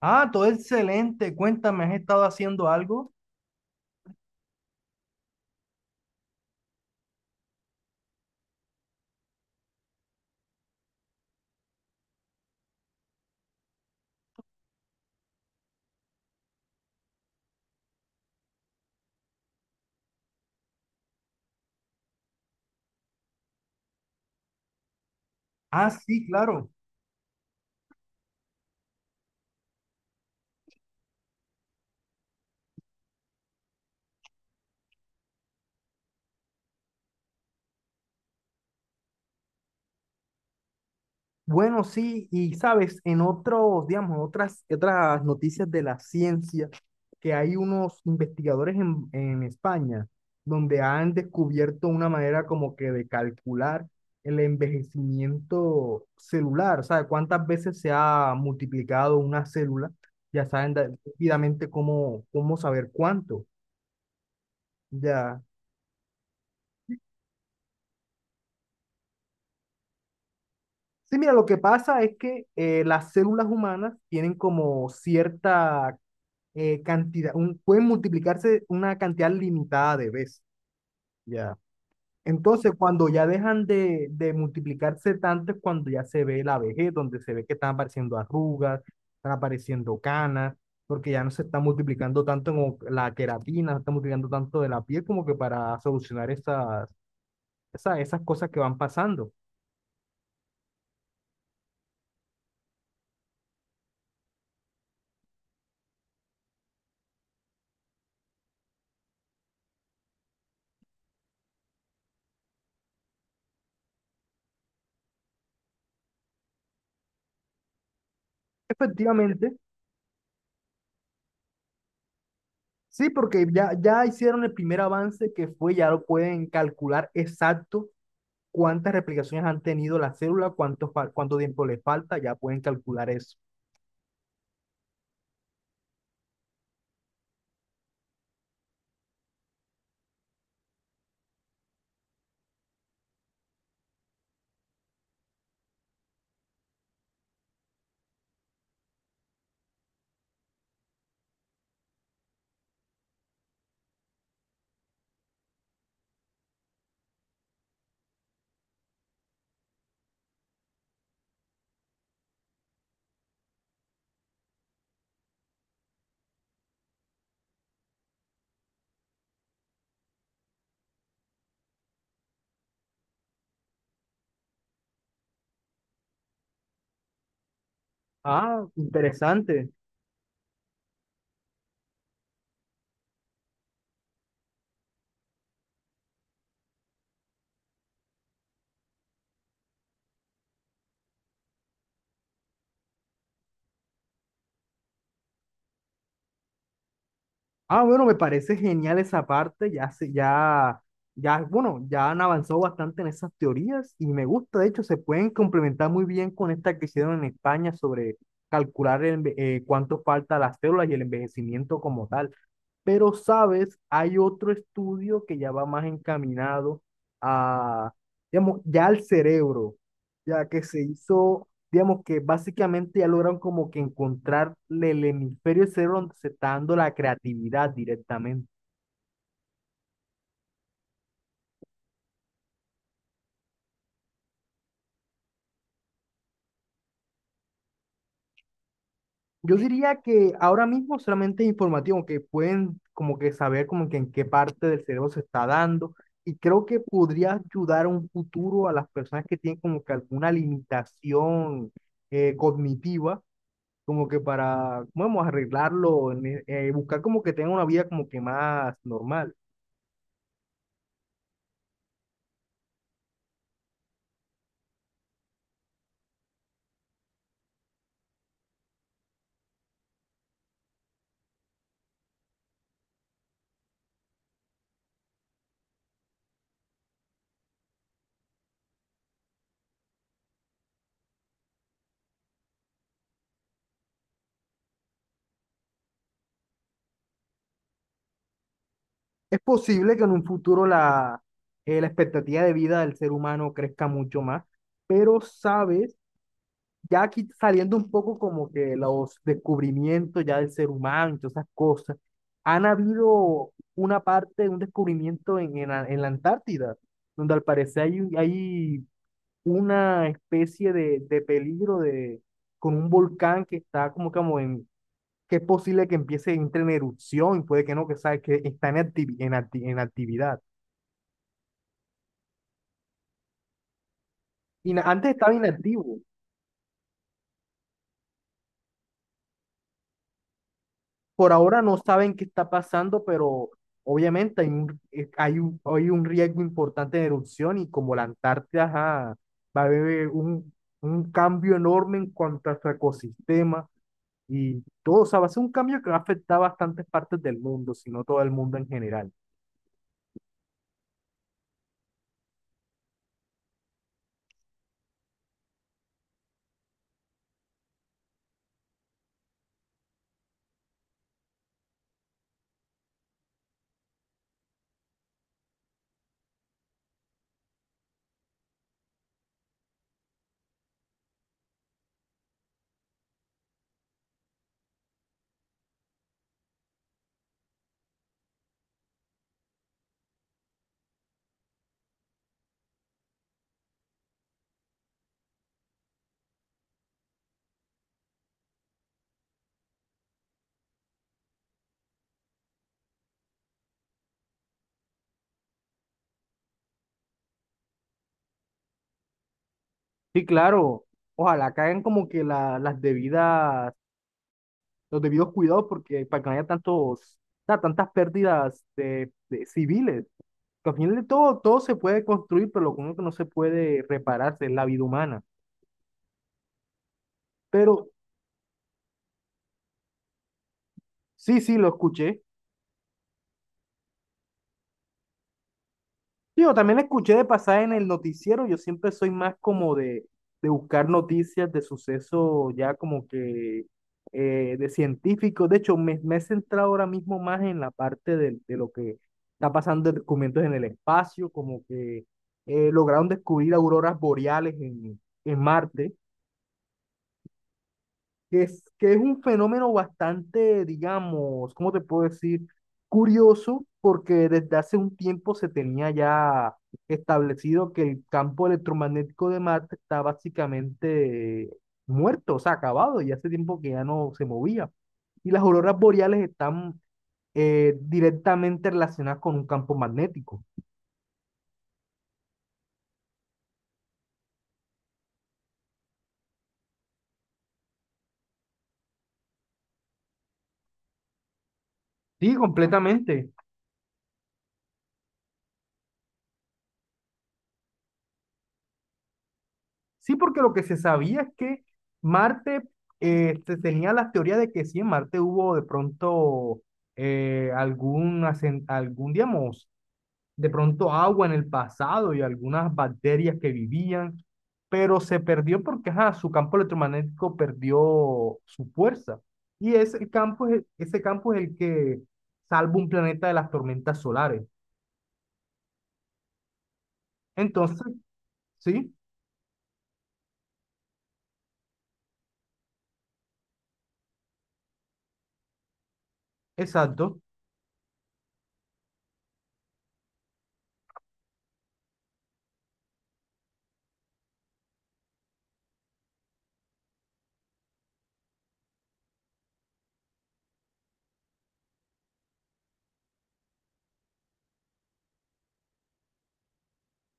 Ah, todo excelente. Cuéntame, ¿has estado haciendo algo? Ah, sí, claro. Bueno, sí, y sabes, en otros, digamos, otras, noticias de la ciencia, que hay unos investigadores en España donde han descubierto una manera como que de calcular el envejecimiento celular, o sea, cuántas veces se ha multiplicado una célula, ya saben rápidamente cómo, cómo saber cuánto, ya. Sí, mira, lo que pasa es que las células humanas tienen como cierta cantidad, pueden multiplicarse una cantidad limitada de veces, ¿ya? Entonces, cuando ya dejan de multiplicarse tanto es cuando ya se ve la vejez, donde se ve que están apareciendo arrugas, están apareciendo canas, porque ya no se está multiplicando tanto como la queratina, no se está multiplicando tanto de la piel como que para solucionar esas, esas cosas que van pasando. Efectivamente. Sí, porque ya, ya hicieron el primer avance que fue, ya lo pueden calcular exacto cuántas replicaciones han tenido la célula, cuánto, cuánto tiempo le falta, ya pueden calcular eso. Ah, interesante. Ah, bueno, me parece genial esa parte, ya se, ya, ya, bueno, ya han avanzado bastante en esas teorías y me gusta, de hecho, se pueden complementar muy bien con esta que hicieron en España sobre calcular cuánto falta a las células y el envejecimiento como tal. Pero, sabes, hay otro estudio que ya va más encaminado a, digamos, ya al cerebro, ya que se hizo, digamos, que básicamente ya lograron como que encontrar el hemisferio del cerebro donde se está dando la creatividad directamente. Yo diría que ahora mismo solamente es informativo, que pueden como que saber como que en qué parte del cerebro se está dando y creo que podría ayudar a un futuro a las personas que tienen como que alguna limitación cognitiva, como que para, vamos, arreglarlo, buscar como que tengan una vida como que más normal. Es posible que en un futuro la, la expectativa de vida del ser humano crezca mucho más, pero sabes, ya aquí saliendo un poco como que los descubrimientos ya del ser humano y todas esas cosas, han habido una parte, un descubrimiento en la Antártida, donde al parecer hay, hay una especie de peligro de, con un volcán que está como, como en, que es posible que empiece, entre en erupción y puede que no, que, sabe, que está en, en actividad. Y antes estaba inactivo, por ahora no saben qué está pasando, pero obviamente hay un, hay un, hay un riesgo importante de erupción y como la Antártida, ajá, va a haber un cambio enorme en cuanto a su ecosistema y todo, o sea, va a ser un cambio que va a afectar bastantes partes del mundo, si no todo el mundo en general. Sí, claro, ojalá caigan como que las debidas, los debidos cuidados porque para que no haya tantos, o sea, tantas pérdidas de civiles. Al final de todo, todo se puede construir, pero lo único que no se puede repararse es la vida humana. Pero sí, sí, lo escuché. Sí, yo también lo escuché de pasar en el noticiero. Yo siempre soy más como de buscar noticias de sucesos ya como que, de científicos. De hecho, me he centrado ahora mismo más en la parte del de lo que está pasando de documentos en el espacio, como que, lograron descubrir auroras boreales en Marte, que es un fenómeno bastante, digamos, ¿cómo te puedo decir? Curioso, porque desde hace un tiempo se tenía ya establecido que el campo electromagnético de Marte está básicamente muerto, o sea, acabado, y hace tiempo que ya no se movía. Y las auroras boreales están directamente relacionadas con un campo magnético. Sí, completamente. Sí, porque lo que se sabía es que Marte, se tenía las teorías de que sí, en Marte hubo de pronto, algún, digamos, de pronto agua en el pasado y algunas bacterias que vivían, pero se perdió porque ajá, su campo electromagnético perdió su fuerza. Y ese campo es, ese campo es el que salva un planeta de las tormentas solares. Entonces, sí, exacto.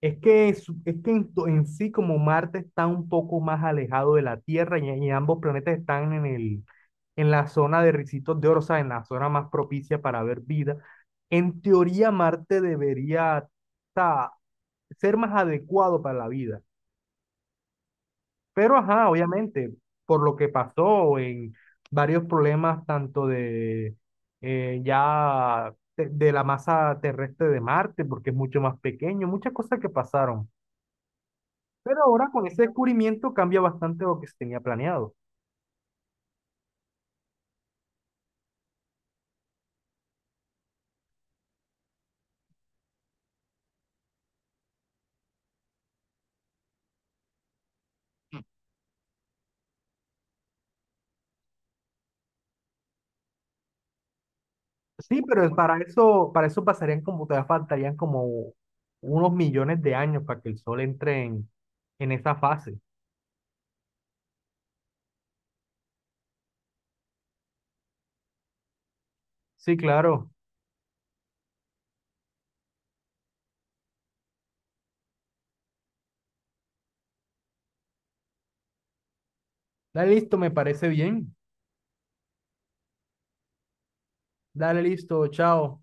Es que en, en sí, como Marte está un poco más alejado de la Tierra y ambos planetas están en el, en la zona de ricitos de oro, o sea, en la zona más propicia para ver vida. En teoría Marte debería, o sea, ser más adecuado para la vida. Pero, ajá, obviamente, por lo que pasó en varios problemas, tanto de, de la masa terrestre de Marte, porque es mucho más pequeño, muchas cosas que pasaron. Pero ahora con ese descubrimiento cambia bastante lo que se tenía planeado. Sí, pero es para eso pasarían como, todavía faltarían como unos millones de años para que el Sol entre en esa fase. Sí, claro. Dale listo, me parece bien. Dale listo, chao.